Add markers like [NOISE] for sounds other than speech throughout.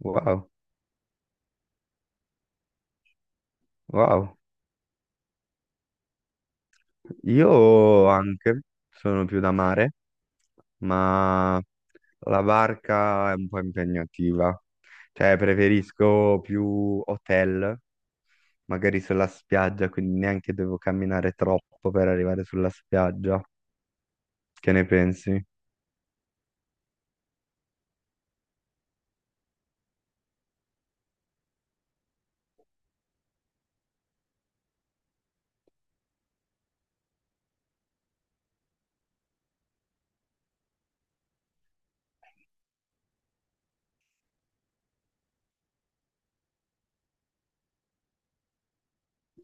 Wow, wow. Io anche sono più da mare, ma la barca è un po' impegnativa. Cioè, preferisco più hotel, magari sulla spiaggia, quindi neanche devo camminare troppo per arrivare sulla spiaggia. Che ne pensi?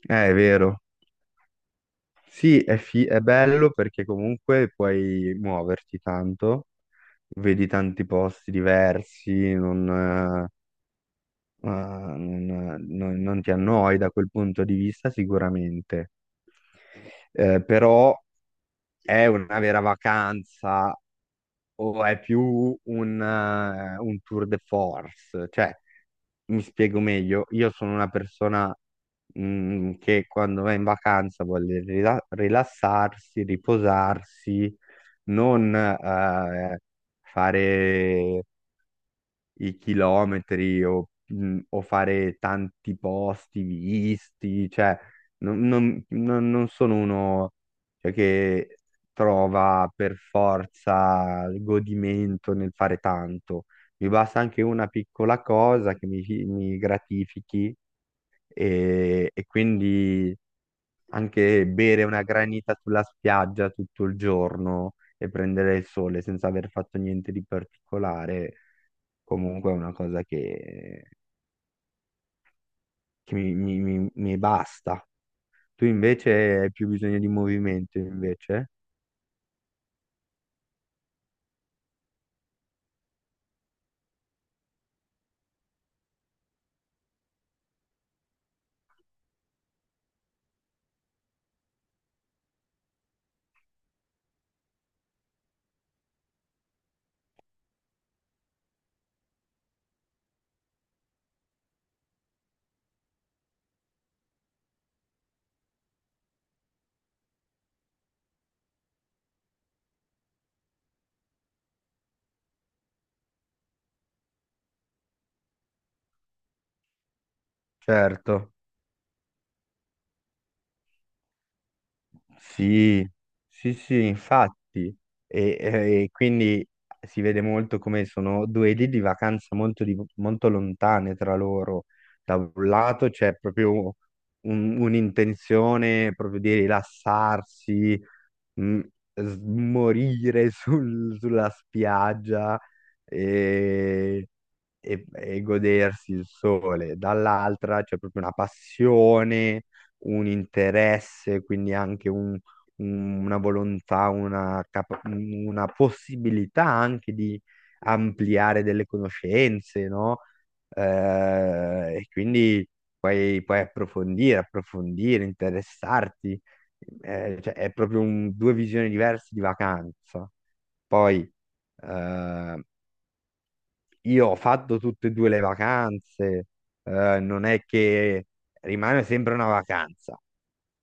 È vero. Sì, è, è bello perché comunque puoi muoverti tanto, vedi tanti posti diversi, non, eh, Ah, non, non- non ti annoi da quel punto di vista sicuramente. Però è una vera vacanza o è più un tour de force. Cioè, mi spiego meglio: io sono una persona che quando va in vacanza vuole rilassarsi, riposarsi, non fare i chilometri o fare tanti posti visti. Cioè non sono uno, cioè, che trova per forza il godimento nel fare tanto. Mi basta anche una piccola cosa che mi gratifichi e quindi anche bere una granita sulla spiaggia tutto il giorno e prendere il sole senza aver fatto niente di particolare comunque è una cosa che mi basta. Tu invece hai più bisogno di movimento, invece? Certo. Sì, sì, sì, infatti. E quindi si vede molto come sono due idee di vacanza molto, molto lontane tra loro. Da un lato c'è proprio un'intenzione proprio di rilassarsi, mm, morire [LAUGHS] sulla spiaggia e, e godersi il sole. Dall'altra c'è proprio una passione, un interesse, quindi anche una volontà, una possibilità anche di ampliare delle conoscenze, no? Eh, e quindi puoi approfondire, approfondire, interessarti. Cioè, è proprio due visioni diverse di vacanza. Poi eh, io ho fatto tutte e due le vacanze. Non è che rimane sempre una vacanza,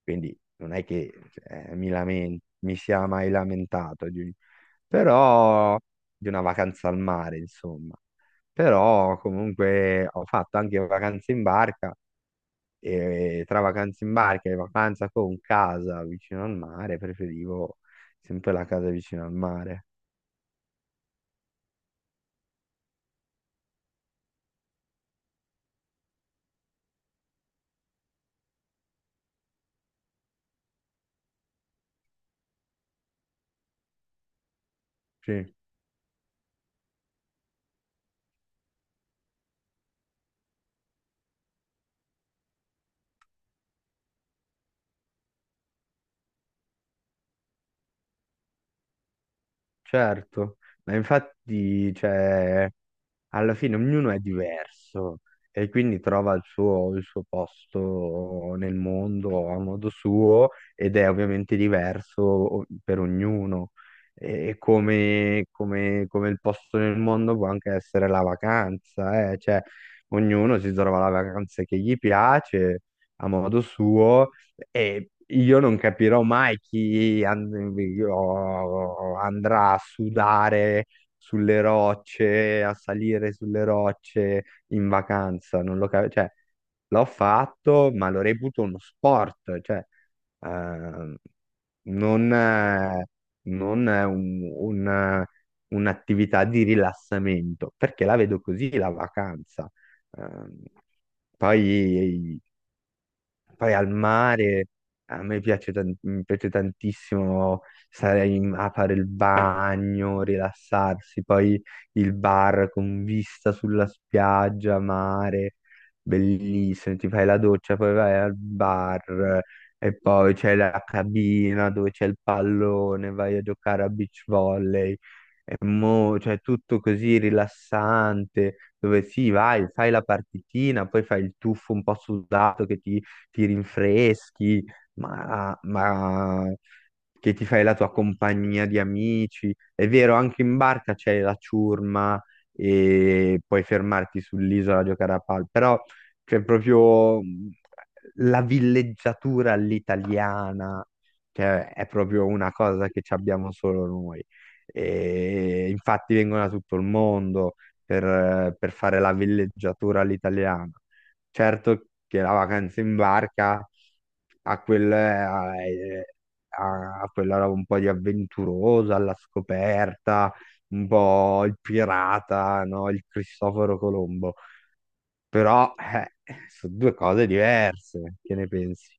quindi non è che mi sia mai lamentato però di una vacanza al mare, insomma. Però comunque ho fatto anche vacanze in barca e tra vacanze in barca e vacanza con casa vicino al mare, preferivo sempre la casa vicino al mare. Sì, certo. Ma infatti, cioè, alla fine ognuno è diverso e quindi trova il suo posto nel mondo a modo suo ed è ovviamente diverso per ognuno. E come, come il posto nel mondo può anche essere la vacanza, eh. Cioè, ognuno si trova la vacanza che gli piace a modo suo e io non capirò mai chi io andrà a sudare sulle rocce, a salire sulle rocce in vacanza, non lo capivo. Cioè, l'ho fatto, ma lo reputo uno sport. Cioè ehm, non, eh, non è un'attività di rilassamento, perché la vedo così la vacanza. Ehm, Poi, poi al mare a me piace, mi piace tantissimo stare a fare il bagno, rilassarsi, poi il bar con vista sulla spiaggia, mare, bellissimo, ti fai la doccia, poi vai al bar e poi c'è la cabina dove c'è il pallone, vai a giocare a beach volley. E mo, cioè tutto così rilassante, dove sì, vai, fai la partitina, poi fai il tuffo un po' sudato che ti rinfreschi, ma che ti fai la tua compagnia di amici. È vero, anche in barca c'è la ciurma e puoi fermarti sull'isola a giocare a pal, però c'è proprio la villeggiatura all'italiana, che è proprio una cosa che ci abbiamo solo noi. E infatti vengono da tutto il mondo per fare la villeggiatura all'italiana. Certo che la vacanza in barca ha ha quella roba un po' di avventurosa, alla scoperta, un po' il pirata, no? Il Cristoforo Colombo. Però sono due cose diverse, che ne pensi?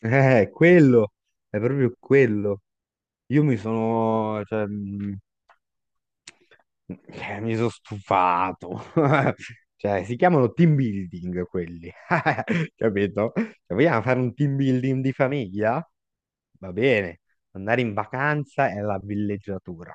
Eh, quello, è proprio quello. Io mi sono, cioè, mm, mi sono stufato. [LAUGHS] Cioè, si chiamano team building quelli, [LAUGHS] capito? Se vogliamo fare un team building di famiglia? Va bene, andare in vacanza è la villeggiatura.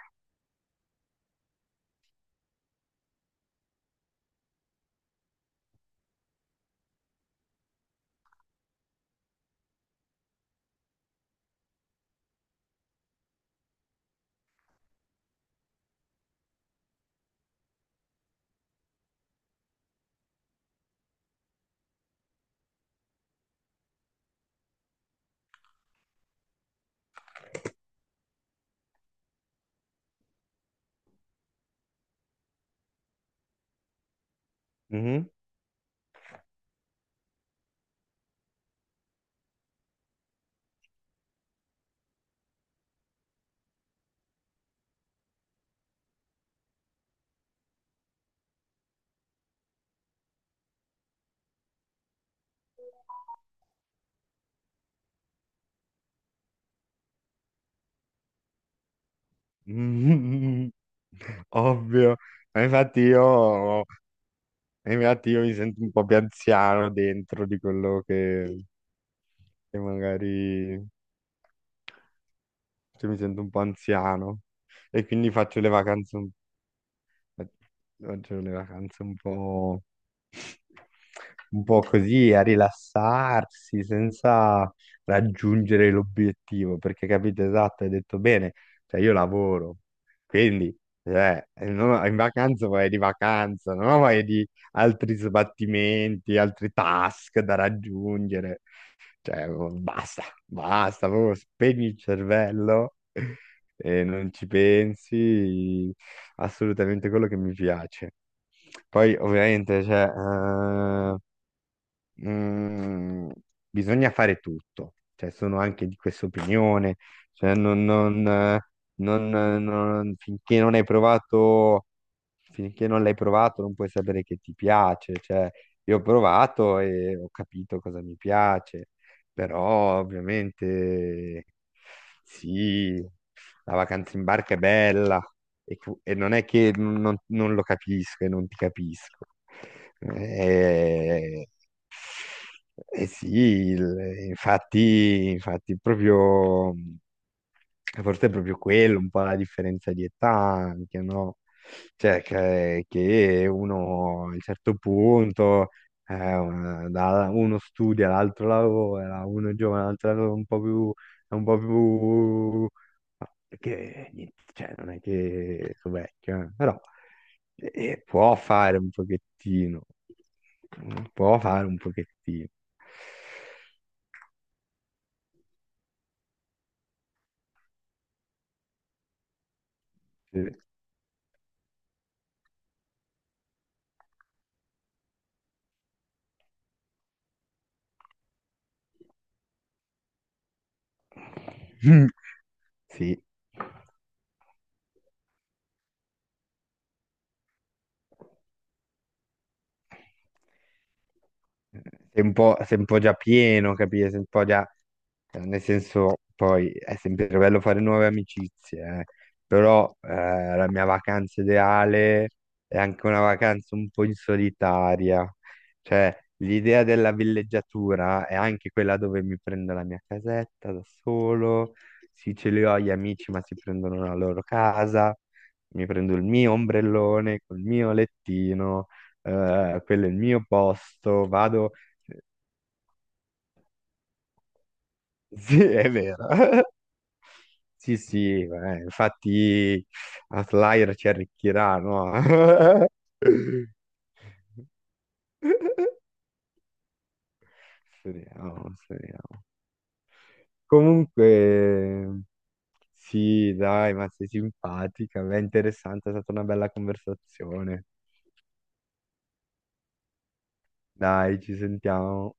Mhm. [LAUGHS] Mhm. Ovvio. Ma infatti io, infatti io mi sento un po' più anziano dentro di quello che magari cioè, mi sento un po' anziano e quindi faccio le vacanze. Oggi le vacanze un po' così, a rilassarsi senza raggiungere l'obiettivo, perché capite esatto, hai detto bene. Cioè io lavoro, quindi cioè, non ho- in vacanza vai di vacanza, non ho vai di altri sbattimenti, altri task da raggiungere. Cioè, basta, proprio spegni il cervello [LAUGHS] e non ci pensi assolutamente, quello che mi piace. Poi, ovviamente, cioè, mm, bisogna fare tutto, cioè sono anche di questa opinione. Cioè finché non hai provato, finché non l'hai provato non puoi sapere che ti piace. Cioè io ho provato e ho capito cosa mi piace, però ovviamente sì, la vacanza in barca è bella e non è che non lo capisco e non ti capisco. Eh, eh sì, infatti, infatti proprio... forse è proprio quello, un po' la differenza di età anche, no? Cioè, che uno a un certo punto, uno studia, l'altro lavora, uno è giovane, l'altro è un po' più, è un po' più... Che, niente, cioè, non è che sono vecchio, però può fare un pochettino, può fare un pochettino. Sì. [LAUGHS] Sì. Sei un po' già pieno, capito? Sei un po' già... nel senso, poi è sempre bello fare nuove amicizie, eh. Però la mia vacanza ideale è anche una vacanza un po' in solitaria. Cioè, l'idea della villeggiatura è anche quella dove mi prendo la mia casetta da solo. Sì, ce li ho gli amici, ma si prendono la loro casa. Mi prendo il mio ombrellone col mio lettino, quello è il mio posto, vado... [LAUGHS] Sì, è vero. [LAUGHS] Sì, sì, infatti Outlier ci arricchirà, no? [LAUGHS] Speriamo, speriamo. Comunque, sì, dai, ma sei simpatica, è interessante, è stata una bella conversazione. Dai, ci sentiamo.